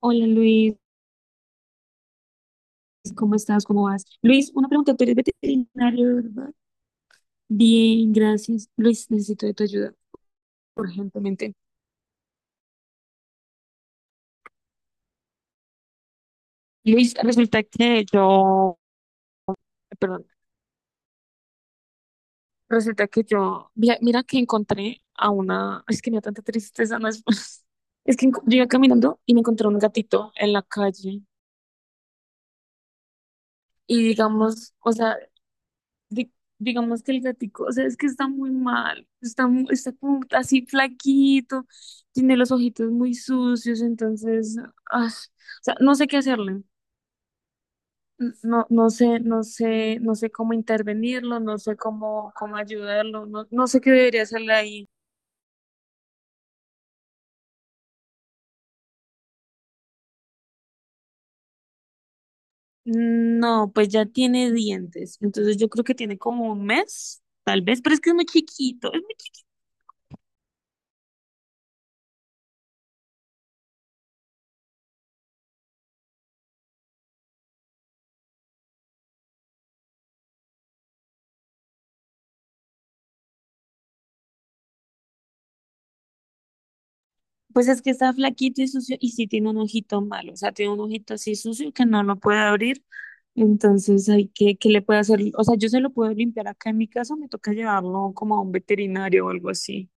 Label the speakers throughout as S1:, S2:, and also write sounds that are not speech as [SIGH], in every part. S1: Hola, Luis, ¿cómo estás? ¿Cómo vas? Luis, una pregunta, tú eres veterinario, ¿verdad? Bien, gracias. Luis, necesito de tu ayuda urgentemente. Luis, resulta que yo, perdón, resulta que yo, mira, mira que encontré a una, es que me da tanta tristeza, no es, [LAUGHS] yo iba caminando y me encontré un gatito en la calle y digamos, o sea, di- digamos que el gatico, o sea, es que está muy mal, está, está como así flaquito, tiene los ojitos muy sucios, entonces, o sea, no sé qué hacerle, no, no sé, no sé, no sé cómo intervenirlo, no sé cómo, cómo ayudarlo, no, no sé qué debería hacerle ahí. No, pues ya tiene dientes, entonces yo creo que tiene como un mes, tal vez, pero es que es muy chiquito, es muy chiquito. Pues es que está flaquito y sucio y sí tiene un ojito malo, o sea, tiene un ojito así sucio que no lo puede abrir, entonces hay que, ¿qué le puede hacer? O sea, yo se lo puedo limpiar acá en mi casa, me toca llevarlo como a un veterinario o algo así.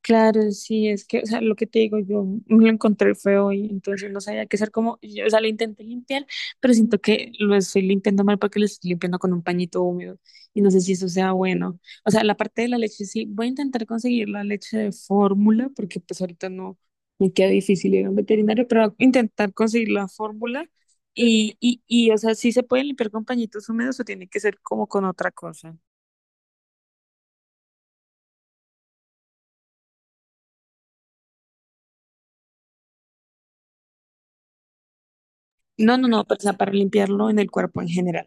S1: Claro, sí, es que, o sea, lo que te digo, yo me lo encontré feo y entonces no sabía qué hacer como, yo, o sea, lo intenté limpiar, pero siento que lo estoy limpiando mal porque lo estoy limpiando con un pañito húmedo y no sé si eso sea bueno. O sea, la parte de la leche sí, voy a intentar conseguir la leche de fórmula porque pues ahorita no me queda difícil ir a un veterinario, pero voy a intentar conseguir la fórmula y, o sea, sí se puede limpiar con pañitos húmedos o tiene que ser como con otra cosa. No, no, no, o sea, para limpiarlo en el cuerpo en general.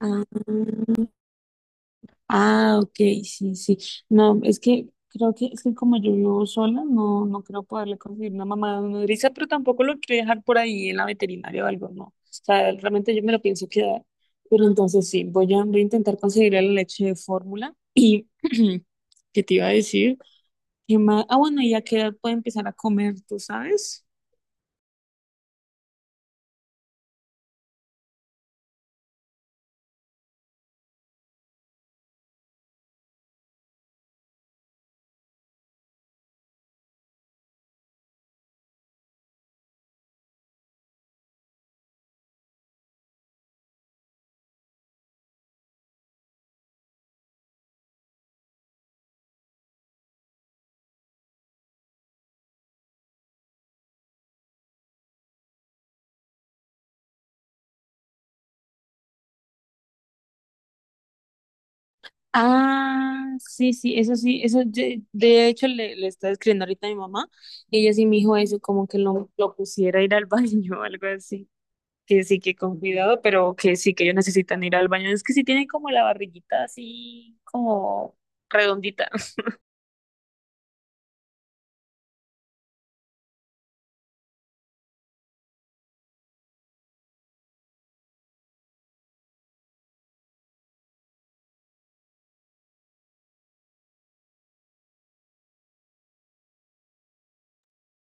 S1: Ah, ah, ok, sí, sí. No, es que creo que es que como yo vivo sola, no, no creo poderle conseguir una mamá nodriza, pero tampoco lo quiero dejar por ahí en la veterinaria o algo, no. O sea, realmente yo me lo pienso quedar. Pero entonces sí, voy a intentar conseguir la leche de fórmula. Y [CLEARS THROAT] ¿qué te iba a decir? ¿Qué más? Ah, bueno, ya que puede empezar a comer, ¿tú sabes? Ah, sí, sí, eso de hecho le estaba escribiendo ahorita a mi mamá y ella sí me dijo eso, como que lo pusiera a ir al [LAUGHS] baño o algo así, que sí, que con cuidado, pero que sí, que ellos necesitan ir al baño, es que sí tienen como la barriguita así como redondita. [LAUGHS]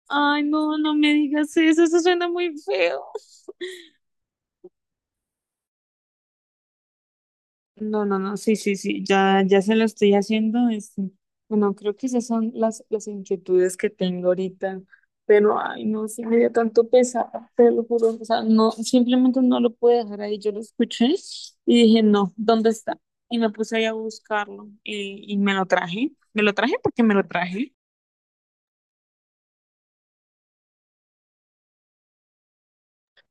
S1: Ay, no, no me digas eso, eso suena muy feo. No, no, no, sí, sí, sí, ya, ya se lo estoy haciendo. Este, bueno, creo que esas son las inquietudes que tengo ahorita, pero ay, no, sí me dio tanto pesar, te lo juro. O sea, no, simplemente no lo pude dejar ahí. Yo lo escuché y dije, no, ¿dónde está? Y me puse ahí a buscarlo y me lo traje. Me lo traje porque me lo traje.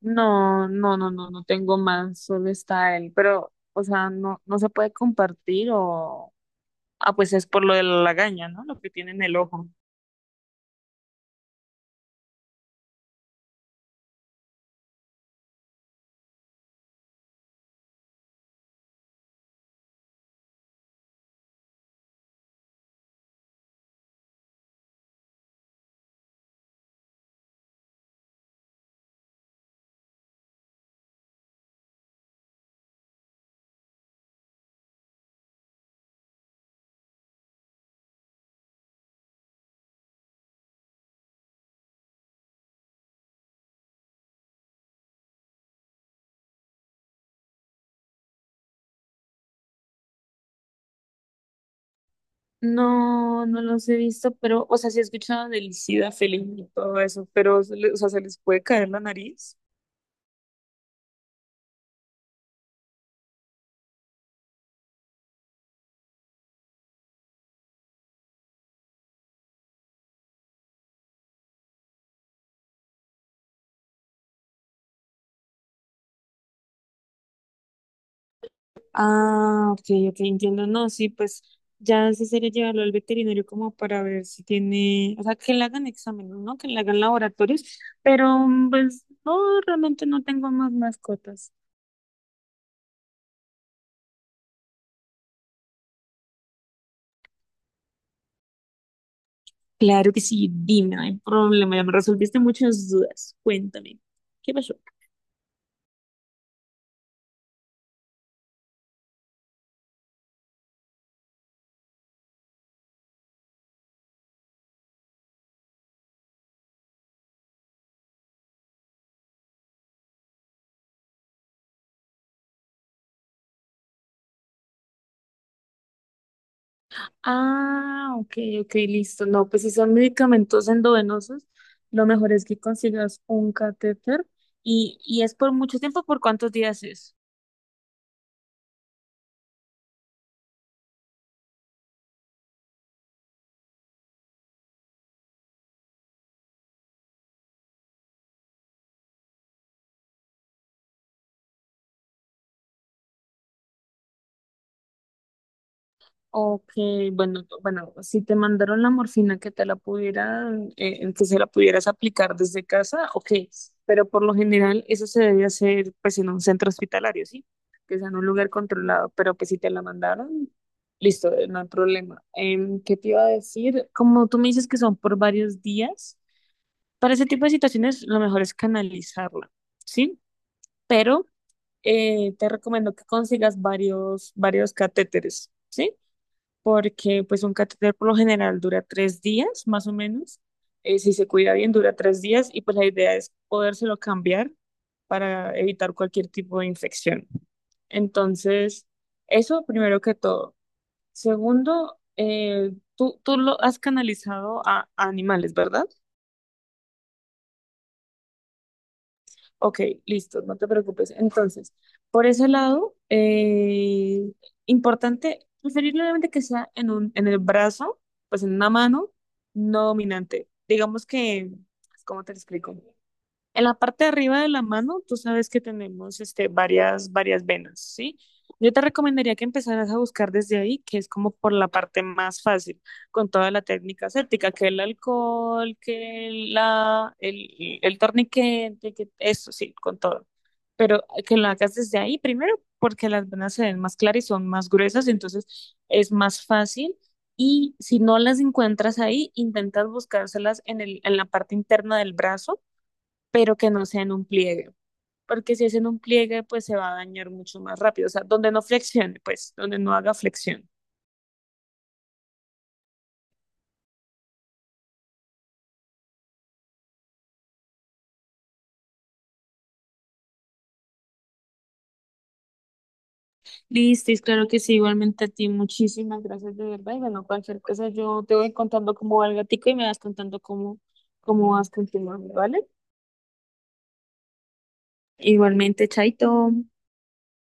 S1: No, no, no, no, no tengo más, solo está él, pero, o sea, no, no se puede compartir o, ah, pues es por lo de la lagaña, ¿no? Lo que tiene en el ojo. No, no los he visto, pero, o sea, sí he escuchado del ISIDA feliz y todo eso, pero, o sea, se les puede caer la nariz. Ah, ok, ok, entiendo. No, sí, pues ya sí sería llevarlo al veterinario como para ver si tiene, o sea, que le hagan exámenes, ¿no? Que le hagan laboratorios, pero mm, pues no, realmente no tengo más mascotas. Claro que sí, dime, no hay problema, ya me resolviste muchas dudas. Cuéntame, ¿qué pasó? Ah, ok, ok, listo. No, pues si son medicamentos endovenosos, lo mejor es que consigas un catéter y es por mucho tiempo, ¿por cuántos días es? Ok, bueno, bueno, si te mandaron la morfina que te la pudieran, en que se la pudieras aplicar desde casa, ok, pero por lo general eso se debe hacer pues en un centro hospitalario, ¿sí? Que sea en un lugar controlado, pero pues si te la mandaron, listo, no hay problema. Em, ¿qué te iba a decir? Como tú me dices que son por varios días, para ese tipo de situaciones lo mejor es canalizarla, ¿sí? Pero te recomiendo que consigas varios catéteres. ¿Sí? Porque pues un catéter por lo general dura tres días, más o menos. Si se cuida bien, dura tres días y pues la idea es podérselo cambiar para evitar cualquier tipo de infección. Entonces, eso primero que todo. Segundo, tú lo has canalizado a animales, ¿verdad? Ok, listo, no te preocupes. Entonces, por ese lado, importante, preferiblemente que sea en en el brazo, pues en una mano no dominante. Digamos que, ¿cómo te lo explico? En la parte de arriba de la mano, tú sabes que tenemos este, varias venas, ¿sí? Yo te recomendaría que empezaras a buscar desde ahí, que es como por la parte más fácil, con toda la técnica aséptica, que el alcohol, que la, el torniquete, que eso, sí, con todo. Pero que lo hagas desde ahí primero, porque las venas se ven más claras y son más gruesas, entonces es más fácil. Y si no las encuentras ahí, intentas buscárselas en el, en la parte interna del brazo, pero que no sea en un pliegue, porque si es en un pliegue, pues se va a dañar mucho más rápido, o sea, donde no flexione, pues, donde no haga flexión. Listo, es claro que sí, igualmente a ti, muchísimas gracias de verdad, y bueno, cualquier cosa yo te voy contando cómo va el gatico y me vas contando cómo, cómo vas continuando, ¿vale? Igualmente, Chaito.